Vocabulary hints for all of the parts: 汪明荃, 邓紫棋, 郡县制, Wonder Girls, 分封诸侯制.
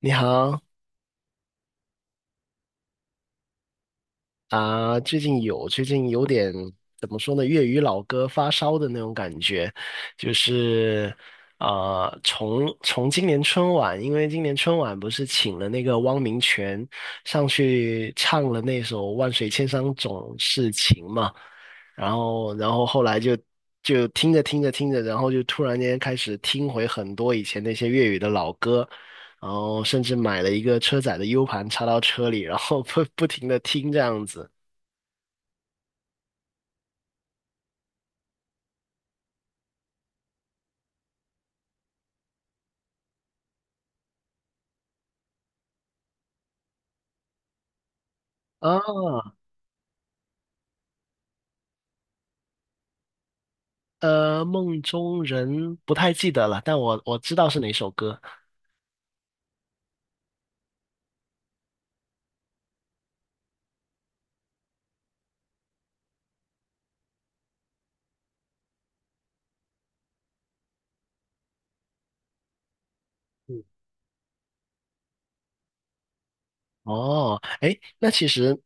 你好啊，最近有点怎么说呢？粤语老歌发烧的那种感觉，就是从今年春晚，因为今年春晚不是请了那个汪明荃上去唱了那首《万水千山总是情》嘛，然后后来就听着听着听着，然后就突然间开始听回很多以前那些粤语的老歌。然后甚至买了一个车载的 U 盘插到车里，然后不 不停的听这样子啊。梦中人不太记得了，但我知道是哪首歌。嗯，哦，哎，那其实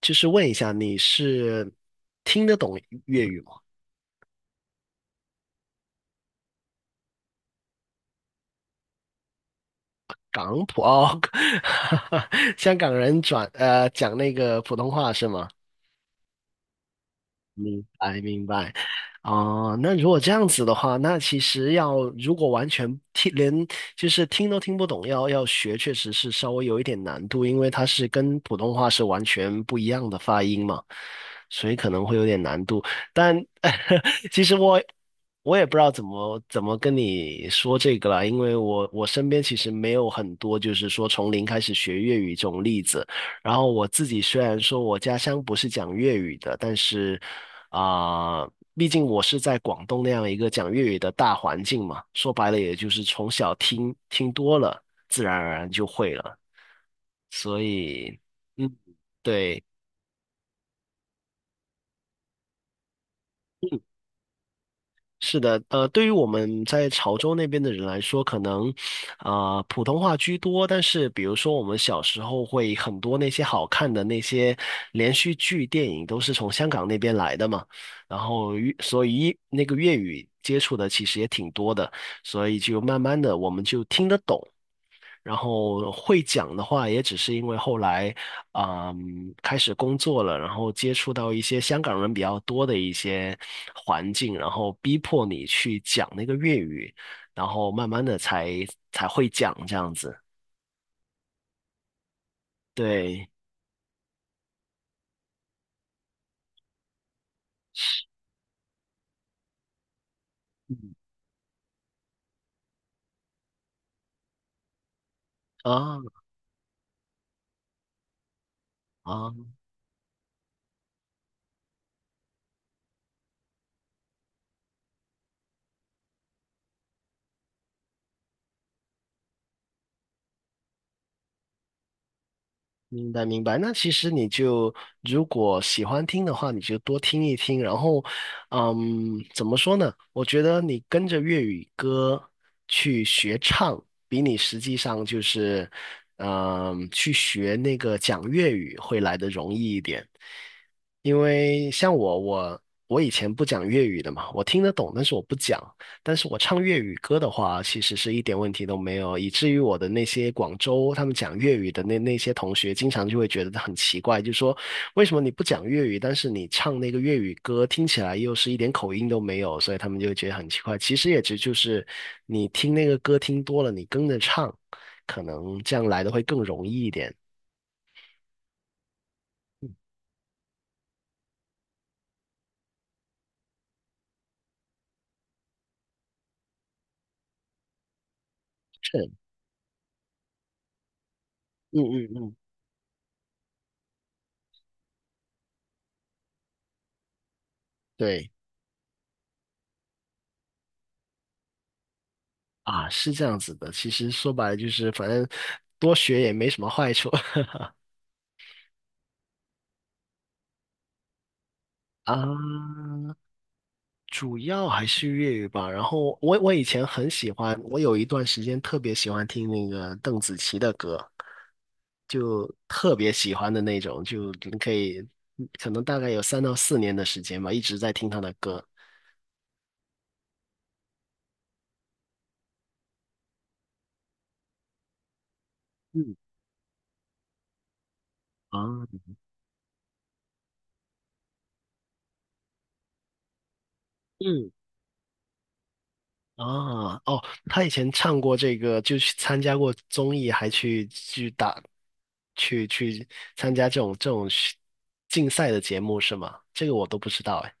就是问一下，你是懂粤语吗？港普哦，香港人讲那个普通话是吗？明白明白。哦、那如果这样子的话，那其实要如果完全听连就是听都听不懂，要学确实是稍微有一点难度，因为它是跟普通话是完全不一样的发音嘛，所以可能会有点难度。但 其实我也不知道怎么跟你说这个啦，因为我身边其实没有很多就是说从零开始学粤语这种例子。然后我自己虽然说我家乡不是讲粤语的，但是啊、毕竟我是在广东那样一个讲粤语的大环境嘛，说白了也就是从小听听多了，自然而然就会了。所以，嗯，对，是的。对于我们在潮州那边的人来说，可能，普通话居多。但是，比如说我们小时候会很多那些好看的那些连续剧、电影都是从香港那边来的嘛，然后所以那个粤语接触的其实也挺多的，所以就慢慢的我们就听得懂。然后会讲的话，也只是因为后来，嗯，开始工作了，然后接触到一些香港人比较多的一些环境，然后逼迫你去讲那个粤语，然后慢慢的才会讲这样子。对，嗯啊啊，明白明白。那其实你就如果喜欢听的话，你就多听一听。然后，嗯，怎么说呢？我觉得你跟着粤语歌，比你实际上就是，去学那个讲粤语会来的容易一点。因为像我，我以前不讲粤语的嘛，我听得懂，但是我不讲。但是我唱粤语歌的话，其实是一点问题都没有，以至于我的那些广州他们讲粤语的那些同学，经常就会觉得很奇怪，就说为什么你不讲粤语，但是你唱那个粤语歌，听起来又是一点口音都没有，所以他们就会觉得很奇怪。其实也只就是你听那个歌听多了，你跟着唱，可能这样来的会更容易一点。嗯，是，嗯嗯嗯，对啊，是这样子的。其实说白了就是，反正多学也没什么坏处 啊。主要还是粤语吧。然后我以前很喜欢，我有一段时间特别喜欢听那个邓紫棋的歌，就特别喜欢的那种。就你可以可能大概有3到4年的时间吧，一直在听她的歌。嗯啊，嗯啊，哦，他以前唱过这个，就去参加过综艺，还去打，去参加这种竞赛的节目是吗？这个我都不知道哎。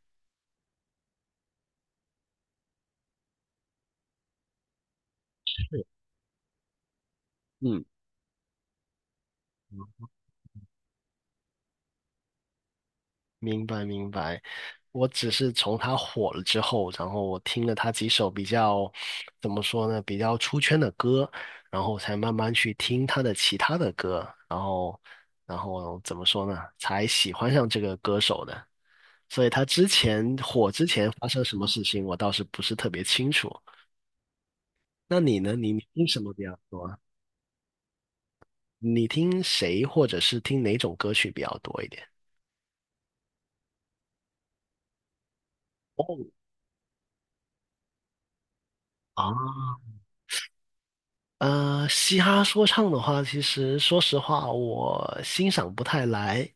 明白明白。我只是从他火了之后，然后我听了他几首比较，怎么说呢，比较出圈的歌，然后才慢慢去听他的其他的歌，然后，然后怎么说呢，才喜欢上这个歌手的。所以他之前火之前发生什么事情，我倒是不是特别清楚。那你呢？你听什么比较多啊？你听谁或者是听哪种歌曲比较多一点？哦，啊。嘻哈说唱的话，其实说实话，我欣赏不太来，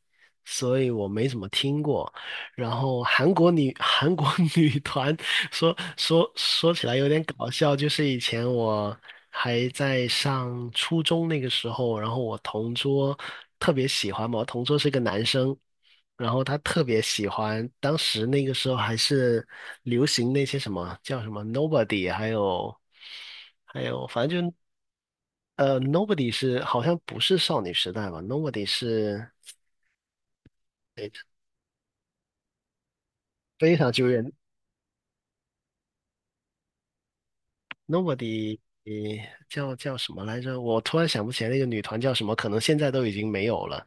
所以我没怎么听过。然后韩国 女团说起来有点搞笑。就是以前我还在上初中那个时候，然后我同桌特别喜欢嘛，我同桌是个男生，然后他特别喜欢。当时那个时候还是流行那些什么叫什么 Nobody，还有，反正就Nobody 是好像不是少女时代吧？Nobody 是诶非常久远。Nobody 叫什么来着？我突然想不起来那个女团叫什么，可能现在都已经没有了。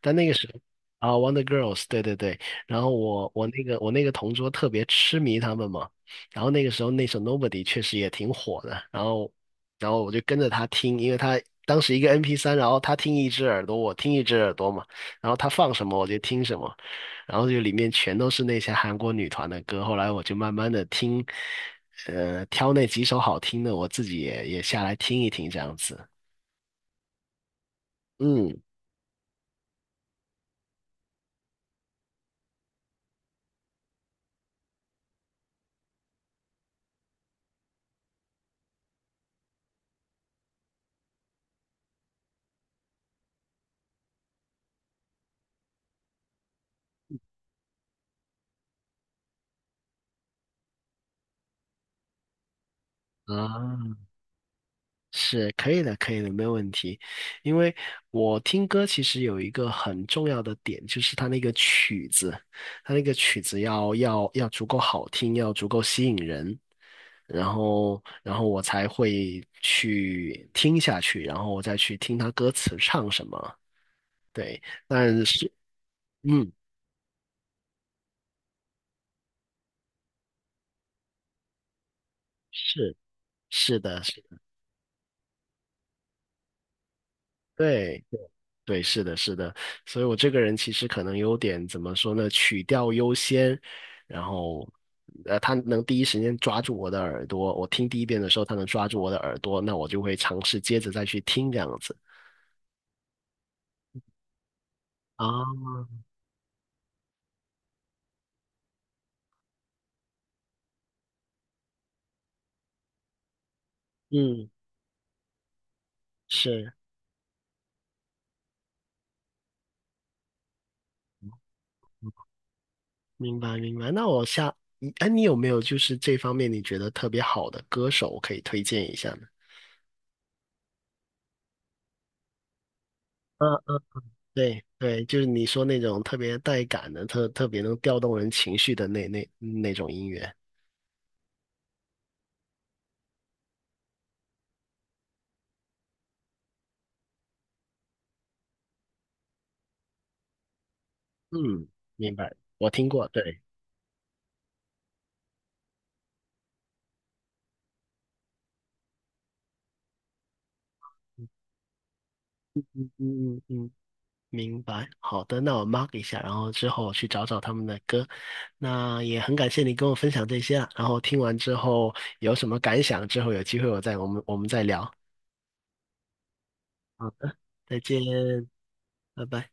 但那个时候啊，Wonder Girls，对对对。然后我那个同桌特别痴迷他们嘛。然后那个时候那首 Nobody 确实也挺火的，然后我就跟着他听。因为他当时一个 MP3，然后他听一只耳朵，我听一只耳朵嘛，然后他放什么我就听什么。然后就里面全都是那些韩国女团的歌。后来我就慢慢的听，挑那几首好听的，我自己也下来听一听这样子。嗯。啊，是可以的，可以的，没有问题。因为我听歌其实有一个很重要的点，就是它那个曲子，它那个曲子要足够好听，要足够吸引人，然后我才会去听下去，然后我再去听它歌词唱什么。对，但是，嗯，是是的，是的，对对，是的，是的。所以我这个人其实可能有点怎么说呢，曲调优先。然后，他能第一时间抓住我的耳朵，我听第一遍的时候，他能抓住我的耳朵，那我就会尝试接着再去听这样子啊，嗯，是，明白明白。那我下，哎，你有没有就是这方面你觉得特别好的歌手可以推荐一下呢？对对，就是你说那种特别带感的、特别能调动人情绪的那种音乐。嗯，明白，我听过。对，嗯嗯嗯，明白。好的，那我 mark 一下，然后之后去找找他们的歌。那也很感谢你跟我分享这些啊，然后听完之后有什么感想，之后有机会我们再聊。好的，再见，拜拜。